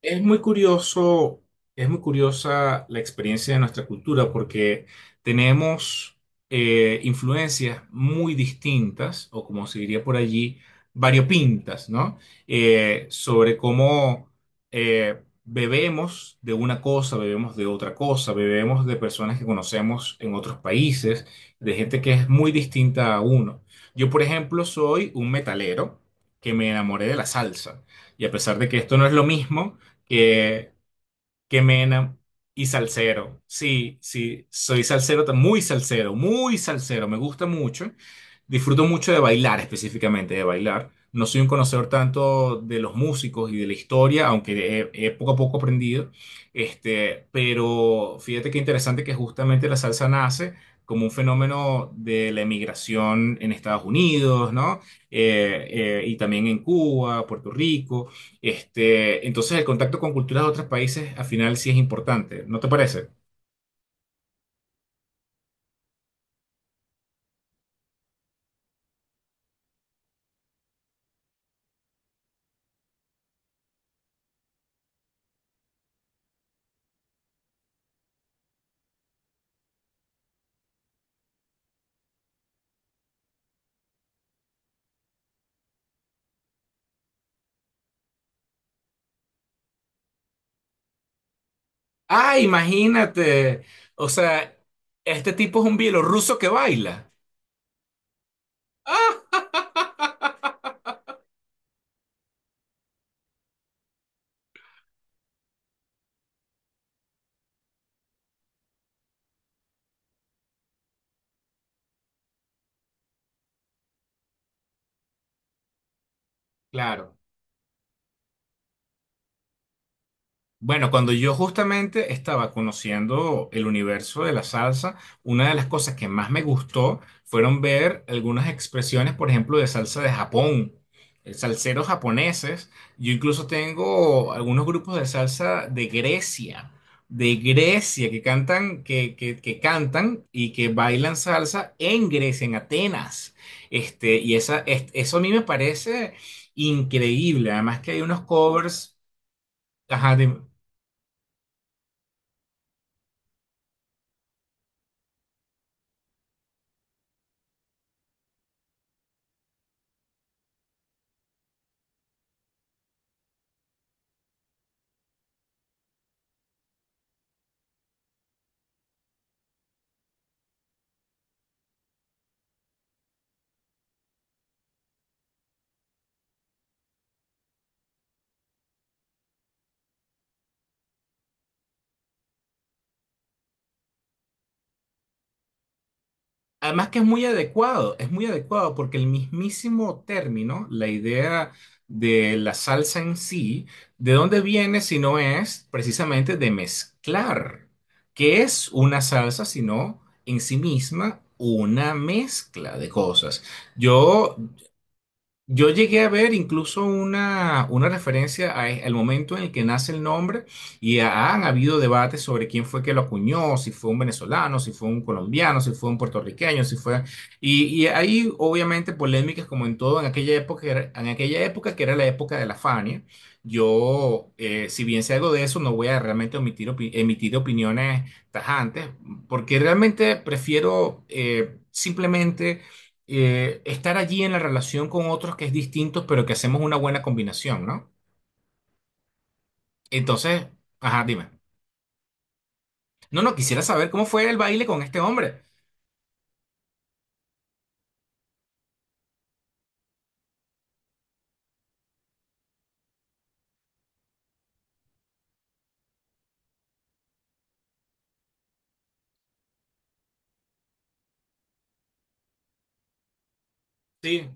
Es muy curioso, es muy curiosa la experiencia de nuestra cultura porque tenemos influencias muy distintas, o como se diría por allí, variopintas, ¿no? Sobre cómo bebemos de una cosa, bebemos de otra cosa, bebemos de personas que conocemos en otros países, de gente que es muy distinta a uno. Yo, por ejemplo, soy un metalero que me enamoré de la salsa. Y a pesar de que esto no es lo mismo, que, que me enam- y salsero. Sí, sí, soy salsero, muy salsero, muy salsero, me gusta mucho. Disfruto mucho de bailar específicamente, de bailar. No soy un conocedor tanto de los músicos y de la historia, aunque he poco a poco aprendido. Pero fíjate qué interesante que justamente la salsa nace como un fenómeno de la emigración en Estados Unidos, ¿no? Y también en Cuba, Puerto Rico. Entonces el contacto con culturas de otros países al final sí es importante, ¿no te parece? Ah, imagínate. O sea, este tipo es un bielorruso que baila. Claro. Bueno, cuando yo justamente estaba conociendo el universo de la salsa, una de las cosas que más me gustó fueron ver algunas expresiones, por ejemplo, de salsa de Japón, salseros japoneses. Yo incluso tengo algunos grupos de salsa de Grecia, que cantan, que cantan y que bailan salsa en Grecia, en Atenas. Y eso a mí me parece increíble. Además que hay unos covers. Ajá, dime. Además que es muy adecuado porque el mismísimo término, la idea de la salsa en sí, ¿de dónde viene si no es precisamente de mezclar? ¿Qué es una salsa sino en sí misma una mezcla de cosas? Yo yo llegué a ver incluso una referencia al momento en el que nace el nombre y han habido debates sobre quién fue que lo acuñó, si fue un venezolano, si fue un colombiano, si fue un puertorriqueño, si fue... Y, y hay obviamente polémicas como en todo en aquella época, en aquella época que era la época de la Fania. Yo, si bien sé algo de eso, no voy a realmente emitir opiniones tajantes porque realmente prefiero... simplemente estar allí en la relación con otros que es distinto, pero que hacemos una buena combinación, ¿no? Entonces, ajá, dime. No, no, quisiera saber cómo fue el baile con este hombre. Sí.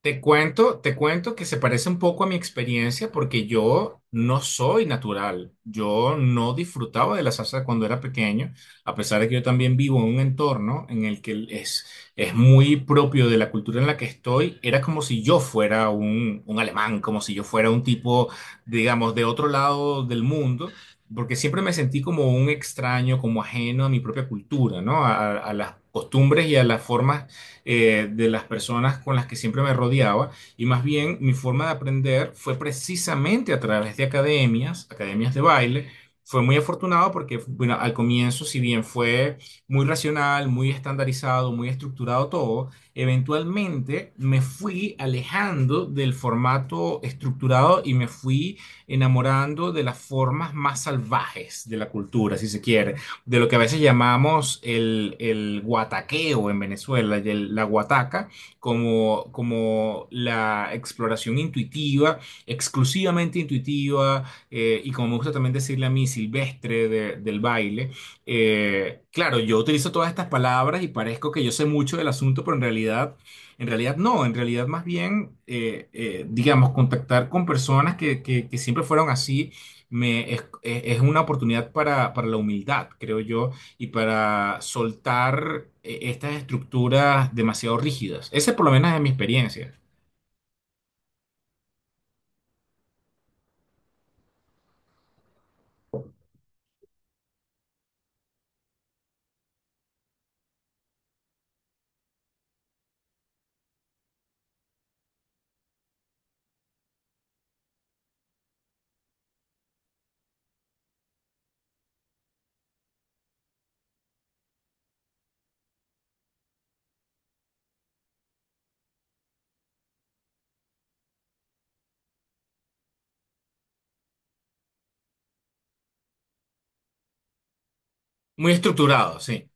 Te cuento que se parece un poco a mi experiencia porque yo no soy natural. Yo no disfrutaba de la salsa cuando era pequeño, a pesar de que yo también vivo en un entorno en el es muy propio de la cultura en la que estoy. Era como si yo fuera un alemán, como si yo fuera un tipo, digamos, de otro lado del mundo. Porque siempre me sentí como un extraño, como ajeno a mi propia cultura, ¿no? A las costumbres y a las formas de las personas con las que siempre me rodeaba y más bien mi forma de aprender fue precisamente a través de academias, academias de baile. Fue muy afortunado porque, bueno, al comienzo, si bien fue muy racional, muy estandarizado, muy estructurado todo, eventualmente me fui alejando del formato estructurado y me fui enamorando de las formas más salvajes de la cultura, si se quiere de lo que a veces llamamos el guataqueo en Venezuela, y la guataca, como, como la exploración intuitiva, exclusivamente intuitiva, y como me gusta también decirle a mí, silvestre del baile. Claro, yo utilizo todas estas palabras y parezco que yo sé mucho del asunto, pero en realidad... En realidad no, en realidad más bien, digamos, contactar con personas que siempre fueron así una oportunidad para la humildad, creo yo, y para soltar estas estructuras demasiado rígidas. Esa por lo menos es mi experiencia. Muy estructurado, sí.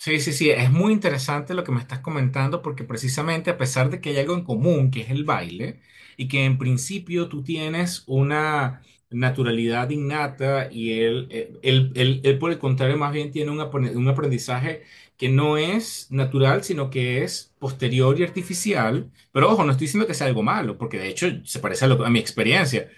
Sí, sí, sí, es muy interesante lo que me estás comentando porque precisamente a pesar de que hay algo en común, que es el baile, y que en principio tú tienes una naturalidad innata y él, él, por el contrario más bien tiene un un aprendizaje que no es natural, sino que es posterior y artificial, pero ojo, no estoy diciendo que sea algo malo, porque de hecho se parece a, a mi experiencia.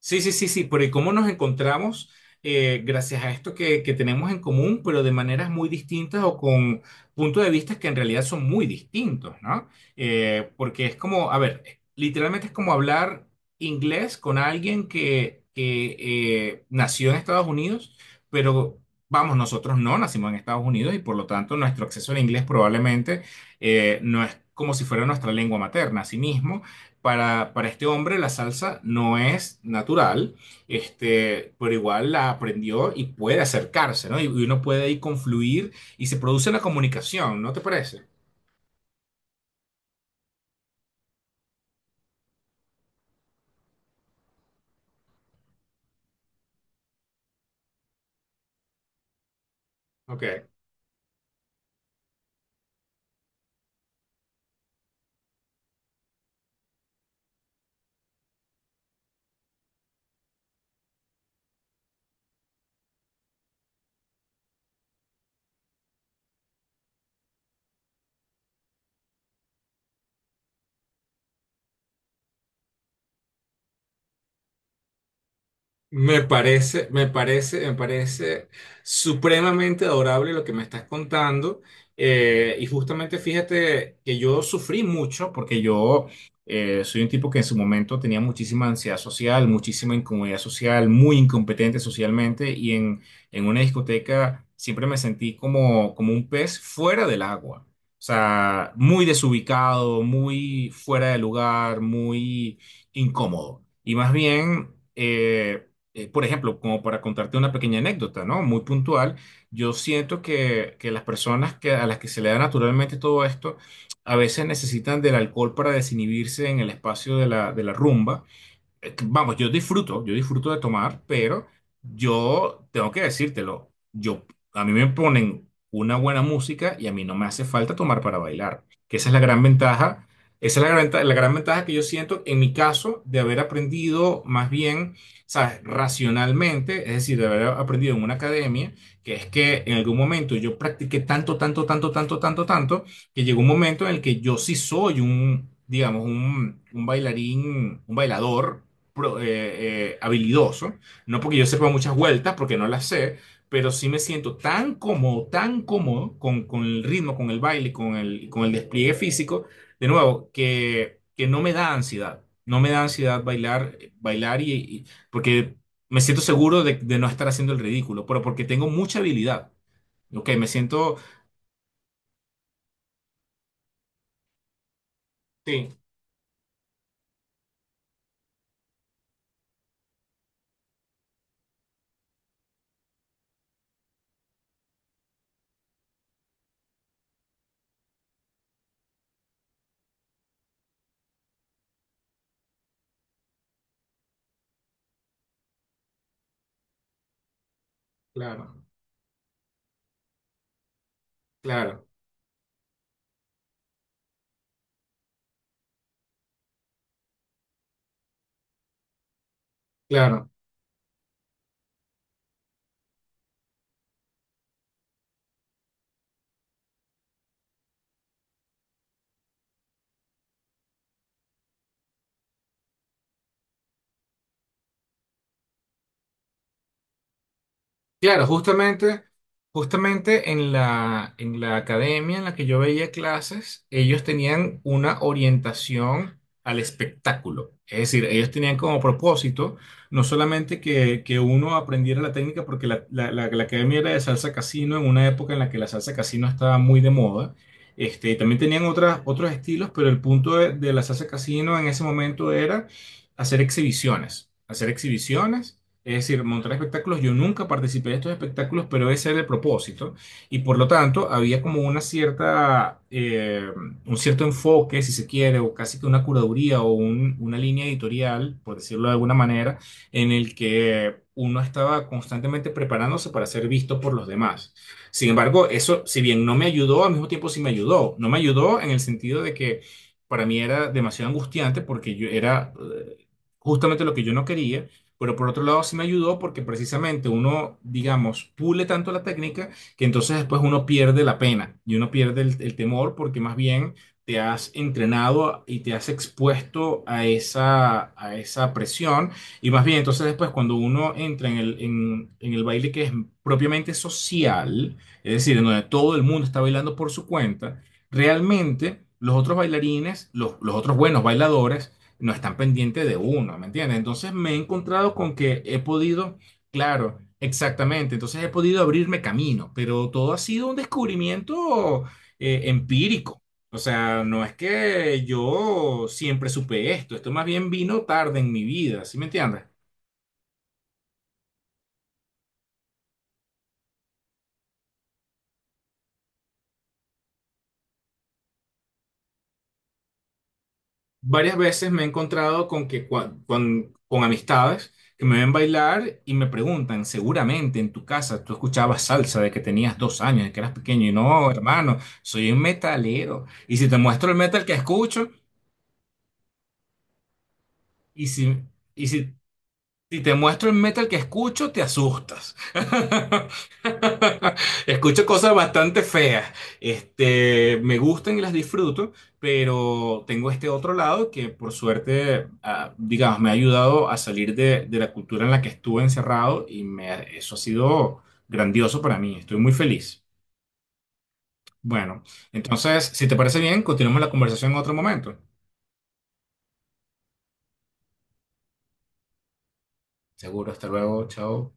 Sí, sí, sí, sí, porque cómo nos encontramos gracias a esto que tenemos en común, pero de maneras muy distintas o con puntos de vista que en realidad son muy distintos, ¿no? Porque es como, a ver, literalmente es como hablar inglés con alguien nació en Estados Unidos, pero vamos, nosotros no nacimos en Estados Unidos y por lo tanto nuestro acceso al inglés probablemente no es como si fuera nuestra lengua materna, así mismo. Para este hombre la salsa no es natural, este, pero igual la aprendió y puede acercarse, ¿no? Y uno puede ahí confluir y se produce una comunicación, ¿no te parece? Ok. Me parece, me parece, me parece supremamente adorable lo que me estás contando. Y justamente fíjate que yo sufrí mucho porque yo soy un tipo que en su momento tenía muchísima ansiedad social, muchísima incomodidad social, muy incompetente socialmente y en una discoteca siempre me sentí como, como un pez fuera del agua. O sea, muy desubicado, muy fuera de lugar, muy incómodo. Y más bien... por ejemplo, como para contarte una pequeña anécdota, ¿no? Muy puntual, yo siento que las personas que, a las que se le da naturalmente todo esto, a veces necesitan del alcohol para desinhibirse en el espacio de de la rumba Vamos, yo disfruto de tomar, pero yo tengo que decírtelo. Yo, a mí me ponen una buena música y a mí no me hace falta tomar para bailar, que esa es la gran ventaja. Esa es la gran, la gran ventaja que yo siento en mi caso de haber aprendido más bien, ¿sabes? Racionalmente, es decir, de haber aprendido en una academia, que es que en algún momento yo practiqué tanto, tanto, tanto, tanto, tanto, tanto, que llegó un momento en el que yo sí soy digamos, un bailarín, un bailador habilidoso, no porque yo sepa muchas vueltas, porque no las sé, pero sí me siento tan cómodo con el ritmo, con el baile, con con el despliegue físico, de nuevo, que no me da ansiedad, no me da ansiedad bailar, porque me siento seguro de no estar haciendo el ridículo, pero porque tengo mucha habilidad. Ok, me siento... Sí, claro, claro, claro. Claro, justamente, justamente en la academia en la que yo veía clases, ellos tenían una orientación al espectáculo. Es decir, ellos tenían como propósito no solamente que uno aprendiera la técnica, porque la academia era de salsa casino en una época en la que la salsa casino estaba muy de moda. Y también tenían otros estilos, pero el punto de la salsa casino en ese momento era hacer exhibiciones. Hacer exhibiciones es decir, montar espectáculos, yo nunca participé de estos espectáculos, pero ese era el propósito. Y por lo tanto, había como una cierta, un cierto enfoque, si se quiere, o casi que una curaduría o una línea editorial, por decirlo de alguna manera, en el que uno estaba constantemente preparándose para ser visto por los demás. Sin embargo, eso, si bien no me ayudó, al mismo tiempo sí me ayudó. No me ayudó en el sentido de que para mí era demasiado angustiante porque yo era... justamente lo que yo no quería, pero por otro lado sí me ayudó porque precisamente uno, digamos, pule tanto la técnica que entonces después uno pierde la pena y uno pierde el temor porque más bien te has entrenado y te has expuesto a esa presión y más bien entonces después cuando uno entra en en el baile que es propiamente social, es decir, en donde todo el mundo está bailando por su cuenta, realmente los otros bailarines, los otros buenos bailadores, no están pendientes de uno, ¿me entiendes? Entonces me he encontrado con que he podido, claro, exactamente, entonces he podido abrirme camino, pero todo ha sido un descubrimiento empírico. O sea, no es que yo siempre supe esto, esto más bien vino tarde en mi vida, ¿sí me entiendes? Varias veces me he encontrado con que con amistades que me ven bailar y me preguntan, seguramente en tu casa tú escuchabas salsa de que tenías 2 años, de que eras pequeño, y no, hermano, soy un metalero. Y si te muestro el metal que escucho, y si, y si, si te muestro el metal que escucho, te asustas. Escucho cosas bastante feas. Este, me gustan y las disfruto, pero tengo este otro lado que por suerte, ah, digamos, me ha ayudado a salir de la cultura en la que estuve encerrado y eso ha sido grandioso para mí. Estoy muy feliz. Bueno, entonces, si te parece bien, continuamos la conversación en otro momento. Seguro, hasta luego, chao.